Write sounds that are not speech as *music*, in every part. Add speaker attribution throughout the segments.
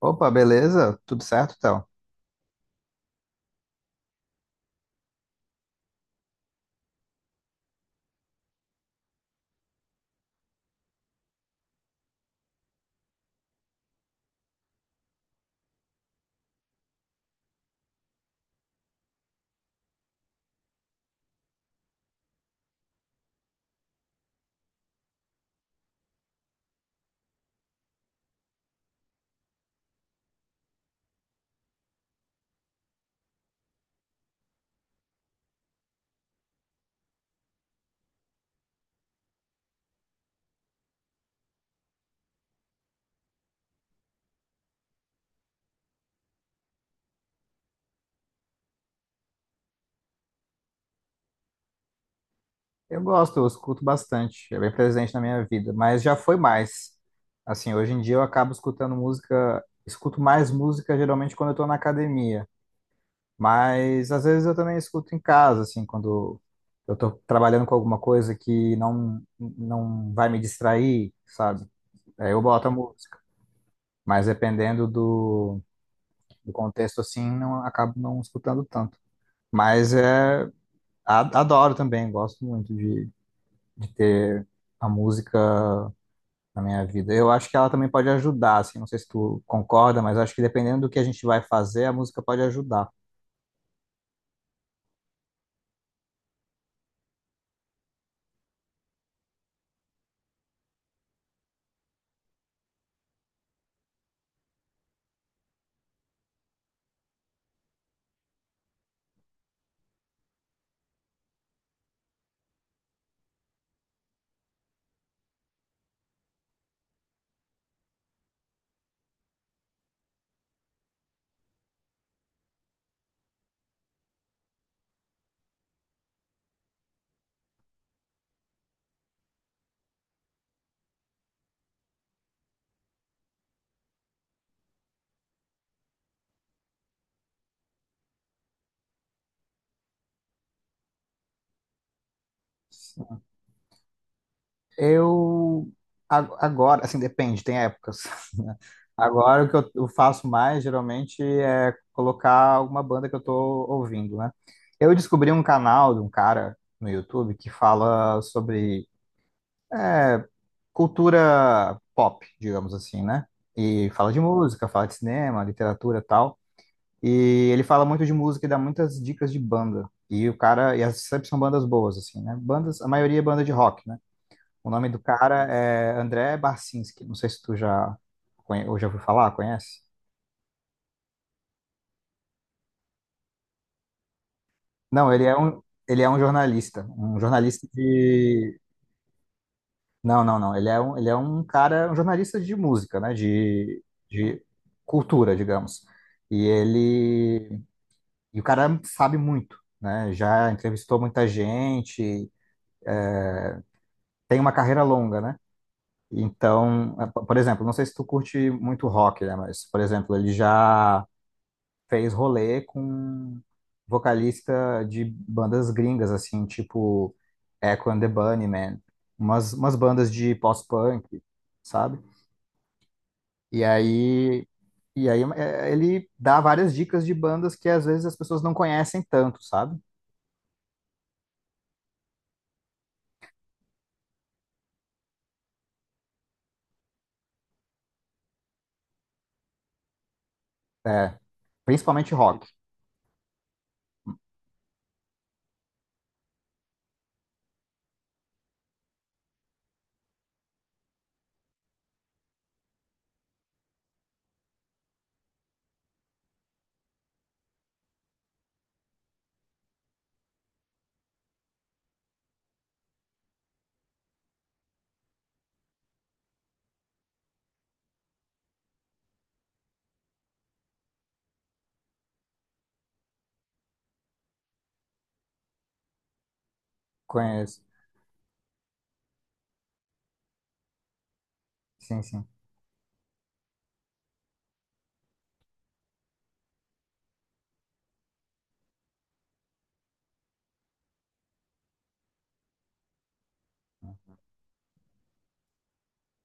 Speaker 1: Opa, beleza? Tudo certo, Théo? Eu gosto, eu escuto bastante, é bem presente na minha vida, mas já foi mais. Assim, hoje em dia eu acabo escutando música, escuto mais música geralmente quando eu tô na academia, mas às vezes eu também escuto em casa, assim, quando eu tô trabalhando com alguma coisa que não vai me distrair, sabe? Aí eu boto a música, mas dependendo do, do contexto, assim, não acabo não escutando tanto. Mas é, a- adoro também, gosto muito de ter a música na minha vida. Eu acho que ela também pode ajudar, assim, não sei se tu concorda, mas acho que dependendo do que a gente vai fazer, a música pode ajudar. Eu a- agora, assim, depende, tem épocas. *laughs* Né? Agora o que eu faço mais geralmente é colocar alguma banda que eu tô ouvindo, né? Eu descobri um canal de um cara no YouTube que fala sobre é, cultura pop, digamos assim, né? E fala de música, fala de cinema, literatura, e tal. E ele fala muito de música e dá muitas dicas de banda. E o cara, e as sempre são bandas boas, assim, né? Bandas, a maioria é banda de rock, né? O nome do cara é André Barcinski. Não sei se tu já, conhe- ou já ouviu falar, conhece? Não, ele é um jornalista. Um jornalista de. Não, não, não. Ele é um cara, um jornalista de música, né? De cultura, digamos. E ele. E o cara sabe muito, né? Já entrevistou muita gente, tem uma carreira longa, né? Então, é, po- por exemplo, não sei se tu curte muito rock, né? Mas, por exemplo, ele já fez rolê com vocalista de bandas gringas, assim, tipo Echo and the Bunnymen, umas, umas bandas de post-punk, sabe? E aí, e aí é, ele dá várias dicas de bandas que às vezes as pessoas não conhecem tanto, sabe? É, principalmente rock. Conheço. Sim, sim.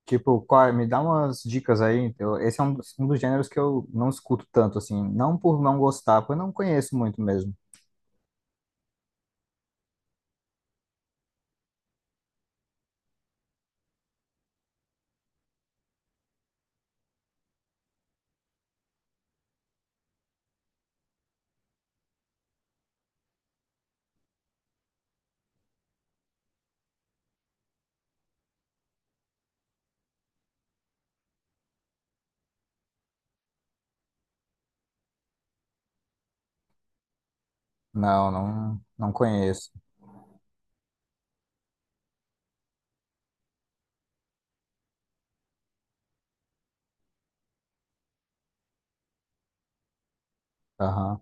Speaker 1: Tipo, qual- me dá umas dicas aí. Eu- esse é um dos gêneros que eu não escuto tanto, assim. Não por não gostar, porque eu não conheço muito mesmo. Não, não, não conheço. Aham,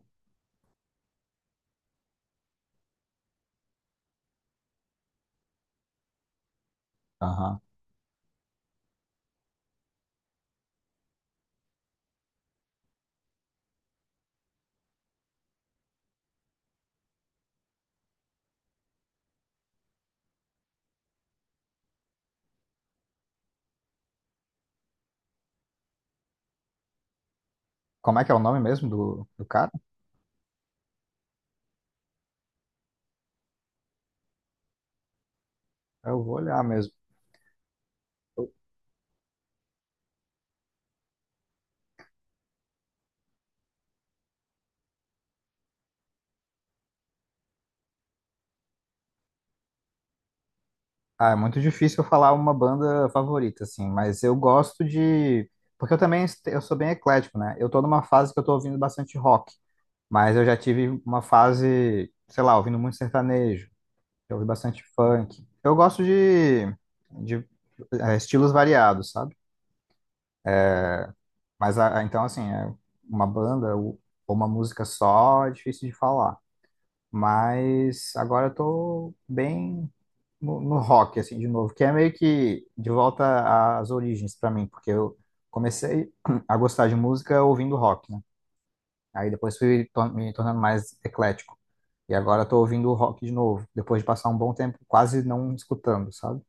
Speaker 1: aham. Como é que é o nome mesmo do, do cara? Eu vou olhar mesmo. Ah, é muito difícil eu falar uma banda favorita, assim, mas eu gosto de. Porque eu também est- eu sou bem eclético, né? Eu tô numa fase que eu tô ouvindo bastante rock, mas eu já tive uma fase, sei lá, ouvindo muito sertanejo. Eu ouvi bastante funk. Eu gosto de é, estilos variados, sabe? Mas a- então, assim, é uma banda ou uma música só é difícil de falar. Mas agora eu tô bem no, no rock, assim, de novo, que é meio que de volta às origens pra mim, porque eu comecei *clears throat* a gostar de música ouvindo rock, né? Aí depois fui to- me tornando mais eclético. E agora eu tô ouvindo rock de novo, depois de passar um bom tempo quase não escutando, sabe?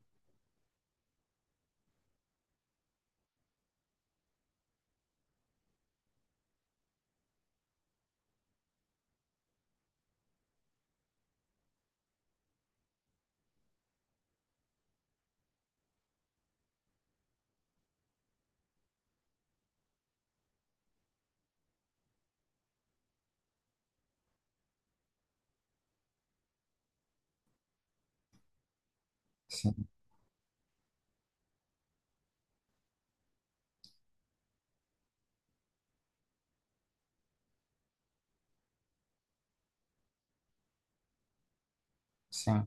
Speaker 1: Sim, sim.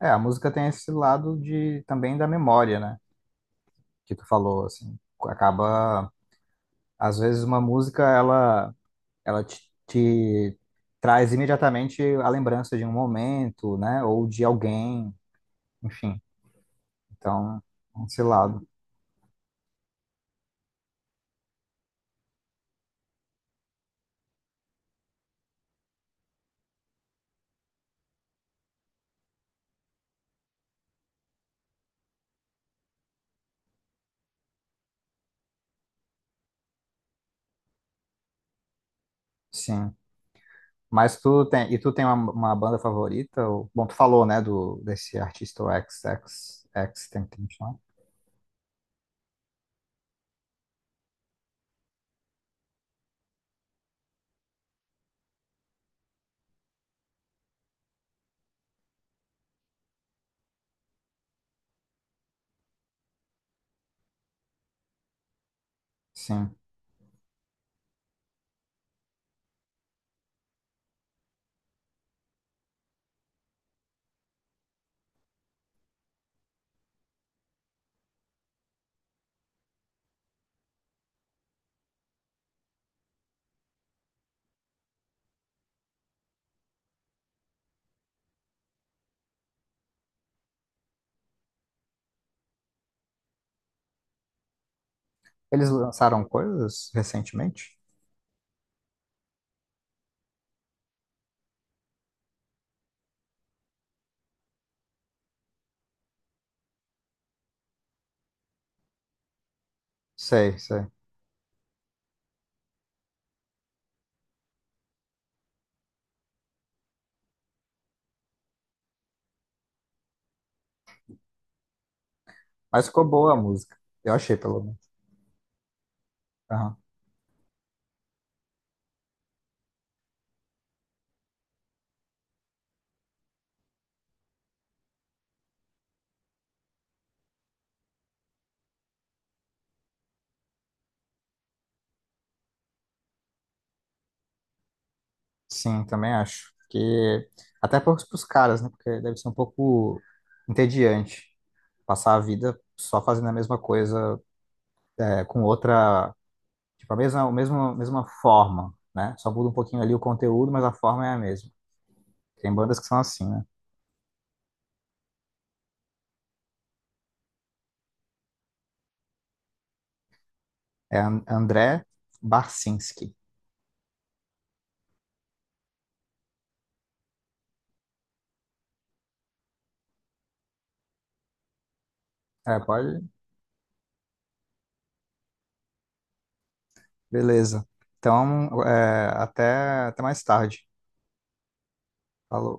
Speaker 1: É, a música tem esse lado de também da memória, né? Que tu falou, assim, acaba às vezes uma música ela ela te, te traz imediatamente a lembrança de um momento, né? Ou de alguém, enfim. Então, esse lado, sim. Mas tu tem e tu tem uma banda favorita? Ou- Bom, tu falou, né? Do desse artista o X X XXX Tentacion. Sim. Eles lançaram coisas recentemente? Sei, sei. Mas ficou boa a música. Eu achei, pelo menos. Aham. Sim, também acho. Porque até para os caras, né? Porque deve ser um pouco entediante passar a vida só fazendo a mesma coisa é, com outra, tipo, a mesma, mesma forma, né? Só muda um pouquinho ali o conteúdo, mas a forma é a mesma. Tem bandas que são assim, né? É An- André Barcinski. É, pode? Beleza. Então, é, até, até mais tarde. Falou.